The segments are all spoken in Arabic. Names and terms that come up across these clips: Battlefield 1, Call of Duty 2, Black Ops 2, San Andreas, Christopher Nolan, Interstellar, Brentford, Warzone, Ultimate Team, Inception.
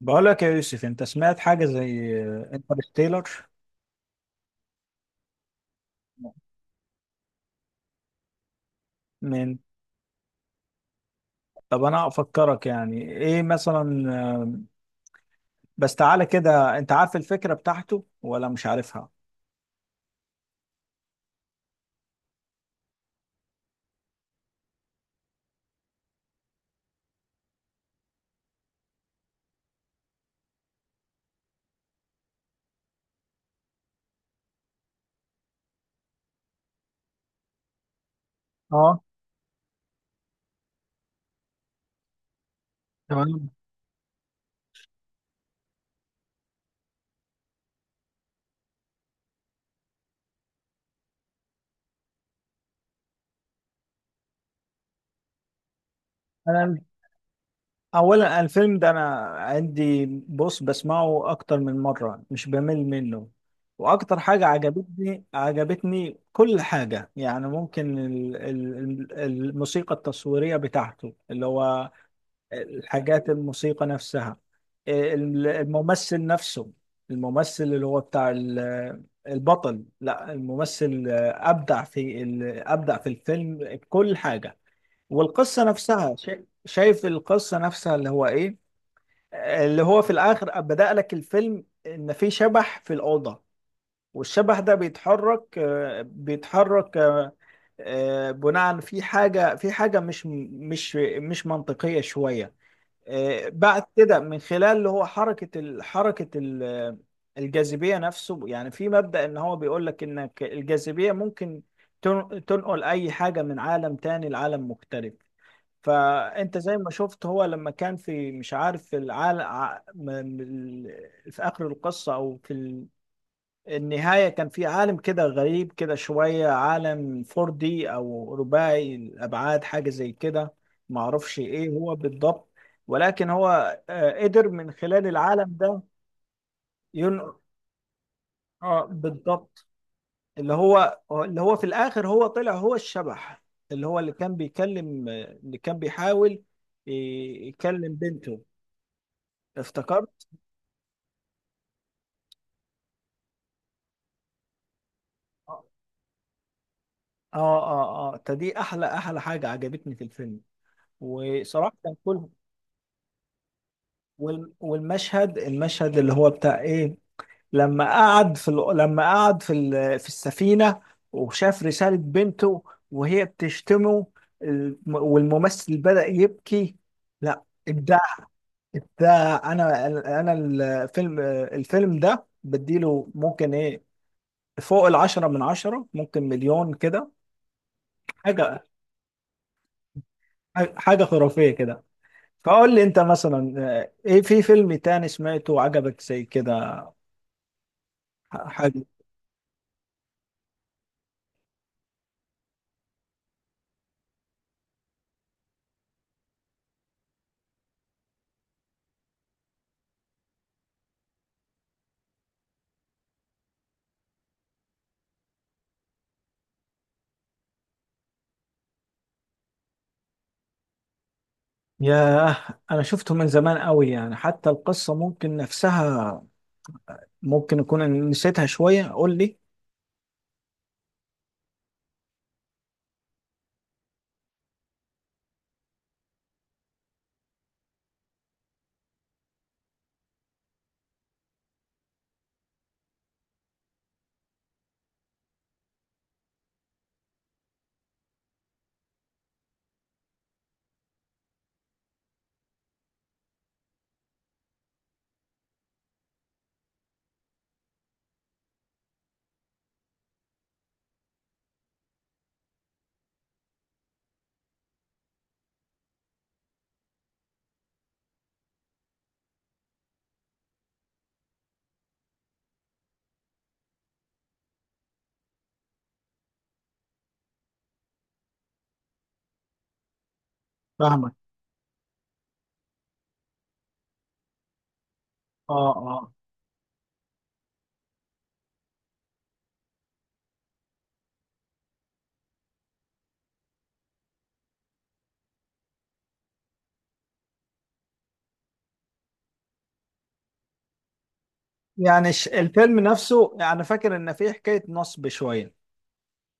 بقولك يا يوسف، انت سمعت حاجة زي انترستيلر؟ من طب انا افكرك، يعني ايه مثلا؟ بس تعالى كده، انت عارف الفكرة بتاعته ولا مش عارفها؟ اه. تمام. انا اولا الفيلم ده، انا عندي، بص، بسمعه اكتر من مرة، مش بمل منه. واكتر حاجة عجبتني كل حاجة يعني. ممكن الموسيقى التصويرية بتاعته، اللي هو الحاجات الموسيقى نفسها، الممثل نفسه. الممثل اللي هو بتاع البطل، لا، الممثل أبدع في الفيلم، كل حاجة. والقصة نفسها، شايف القصة نفسها اللي هو إيه؟ اللي هو في الآخر بدأ لك الفيلم، إن في شبح في الأوضة، والشبح ده بيتحرك بناء في حاجة مش منطقية شوية. بعد كده من خلال اللي هو حركة الجاذبية نفسه، يعني في مبدأ، ان هو بيقول لك انك الجاذبية ممكن تنقل اي حاجة من عالم تاني لعالم مختلف. فانت زي ما شفت، هو لما كان في، مش عارف، في العالم في اخر القصة او في النهاية، كان في عالم كده غريب كده شوية، عالم 4D أو رباعي الأبعاد، حاجة زي كده، معرفش إيه هو بالضبط. ولكن هو قدر من خلال العالم ده. ين... آه، بالضبط. اللي هو في الآخر، هو طلع هو الشبح، اللي هو اللي كان بيكلم، اللي كان بيحاول يكلم بنته. افتكرت؟ آه، آه، آه. دي أحلى أحلى حاجة عجبتني في الفيلم. وصراحة كان كل والمشهد اللي هو بتاع ايه، لما قعد في السفينة وشاف رسالة بنته وهي بتشتمه، والممثل بدأ يبكي. لا، ابداع. ابداع. انا الفيلم ده بديله ممكن ايه؟ فوق 10 من 10، ممكن مليون كده. حاجة حاجة خرافية كده. فقول لي انت مثلا، ايه في فيلم تاني سمعته وعجبك زي كده، حاجة؟ ياه، أنا شفته من زمان قوي، يعني حتى القصة ممكن نفسها، ممكن أكون نسيتها شوية. قول لي. فاهمك. آه، آه. يعني الفيلم نفسه، يعني فاكر إن فيه حكاية نصب شوية،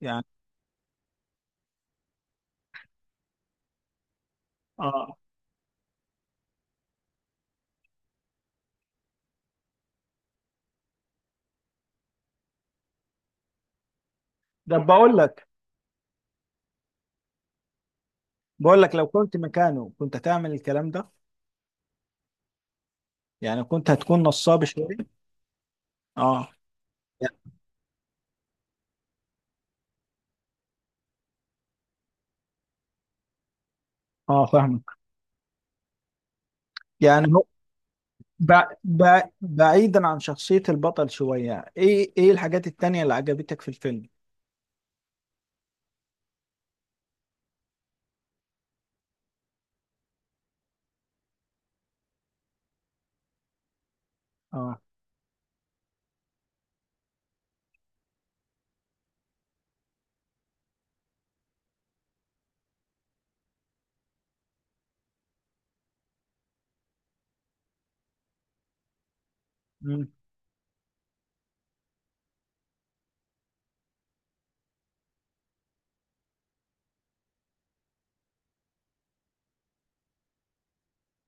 يعني. آه، ده بقول لك لو كنت مكانه، كنت هتعمل الكلام ده؟ يعني كنت هتكون نصاب شوية. آه، آه، فاهمك. يعني هو، بعيدا عن شخصية البطل شوية، إيه الحاجات التانية اللي عجبتك في الفيلم؟ آه. مم.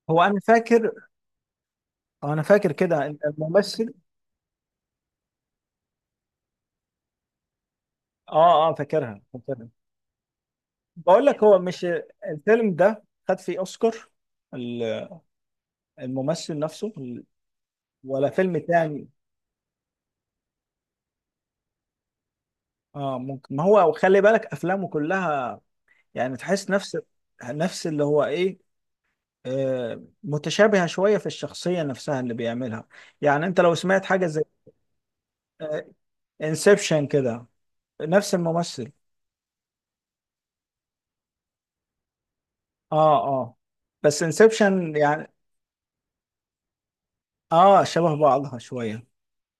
هو انا فاكر كده ان الممثل. اه، اه، فاكرها، فاكرها. بقول لك، هو مش الفيلم ده خد فيه اوسكار؟ ال- الممثل نفسه، ولا فيلم تاني؟ اه، ممكن. ما هو خلي بالك افلامه كلها، يعني تحس نفس اللي هو ايه، آه، متشابهة شوية في الشخصية نفسها اللي بيعملها. يعني انت لو سمعت حاجة زي انسبشن كده، نفس الممثل. اه، اه، بس انسبشن يعني. اه، شبه بعضها شوية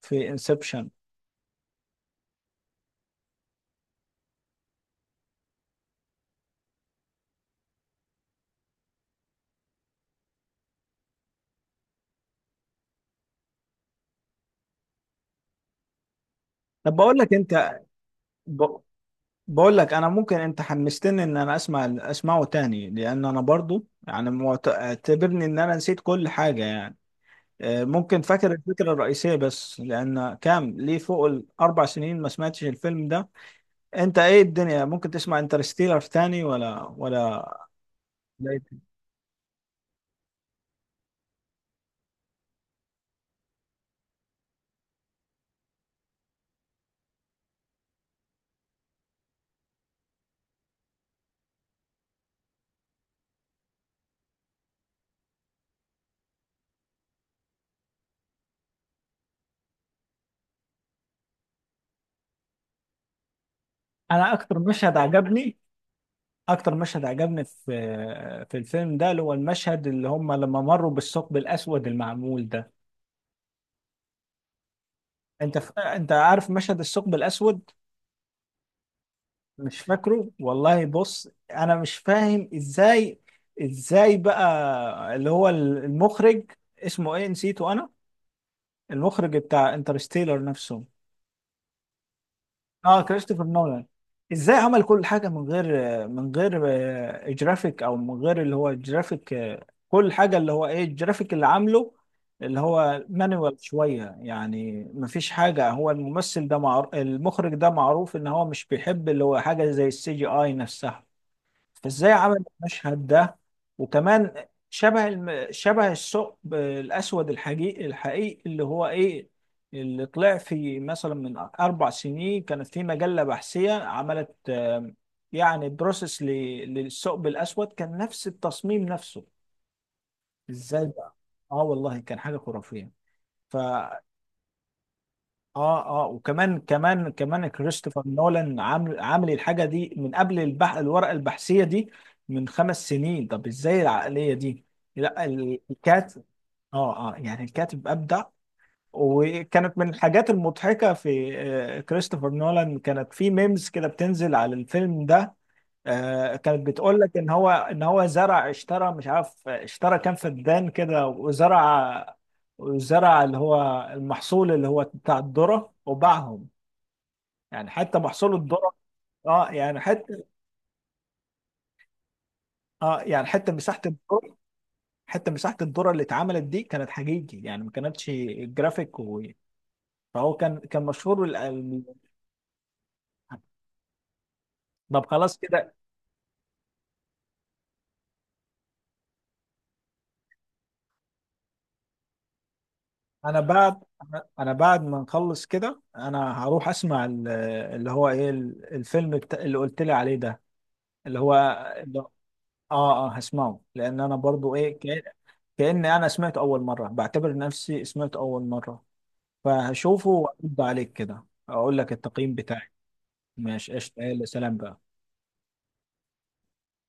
في انسبشن. طب بقول لك انت، ب... بقول لك انا ممكن، انت حمستني ان انا اسمعه تاني، لان انا برضو، يعني، اعتبرني ان انا نسيت كل حاجة يعني. ممكن فاكر الفكرة الرئيسية بس، لان كام ليه، فوق ال4 سنين ما سمعتش الفيلم ده. انت ايه الدنيا، ممكن تسمع انترستيلر تاني ولا؟ لا. انا اكتر مشهد عجبني في الفيلم ده، اللي هو المشهد اللي هم لما مروا بالثقب الاسود المعمول ده. انت عارف مشهد الثقب الاسود؟ مش فاكره؟ والله بص، انا مش فاهم ازاي بقى اللي هو المخرج، اسمه ايه، نسيته انا، المخرج بتاع انترستيلر نفسه. اه، كريستوفر نولان. ازاي عمل كل حاجه من غير جرافيك، او من غير اللي هو جرافيك، كل حاجه، اللي هو ايه الجرافيك اللي عامله اللي هو مانوال شويه يعني، مفيش حاجه. هو الممثل ده معروف، المخرج ده معروف ان هو مش بيحب اللي هو حاجه زي السي جي اي نفسها. فازاي عمل المشهد ده؟ وكمان شبه شبه الثقب الاسود الحقيقي، الحقيقي اللي هو ايه، اللي طلع في، مثلا، من 4 سنين كانت في مجله بحثيه عملت يعني بروسيس للثقب الاسود، كان نفس التصميم نفسه. ازاي بقى؟ اه، والله كان حاجه خرافيه. ف اه، اه. وكمان كمان كمان كريستوفر نولان عامل الحاجه دي من قبل، الورقه البحثيه دي، من 5 سنين. طب ازاي العقليه دي؟ لا، الكاتب. اه، اه، يعني الكاتب ابدع. وكانت من الحاجات المضحكه في كريستوفر نولان، كانت في ميمز كده بتنزل على الفيلم ده، كانت بتقول لك ان هو زرع، اشترى، مش عارف اشترى كام فدان كده، وزرع. اللي هو المحصول، اللي هو بتاع الذرة، وباعهم. يعني حتى محصول الذره، اه، يعني حتى، اه، يعني حتى مساحه الذره اللي اتعملت دي، كانت حقيقي، يعني ما كانتش جرافيك فهو كان مشهور، طب خلاص كده. انا بعد انا أنا بعد ما نخلص كده، انا هروح اسمع اللي هو ايه الفيلم اللي قلت لي عليه ده، اللي هو اللي... اه، اه، هسمعه، لان انا برضو، ايه، كأني انا سمعته اول مره، بعتبر نفسي سمعته اول مره. فهشوفه وأرد عليك كده، أقول لك التقييم بتاعي. ماشي، قشطة، يلا، سلام بقى.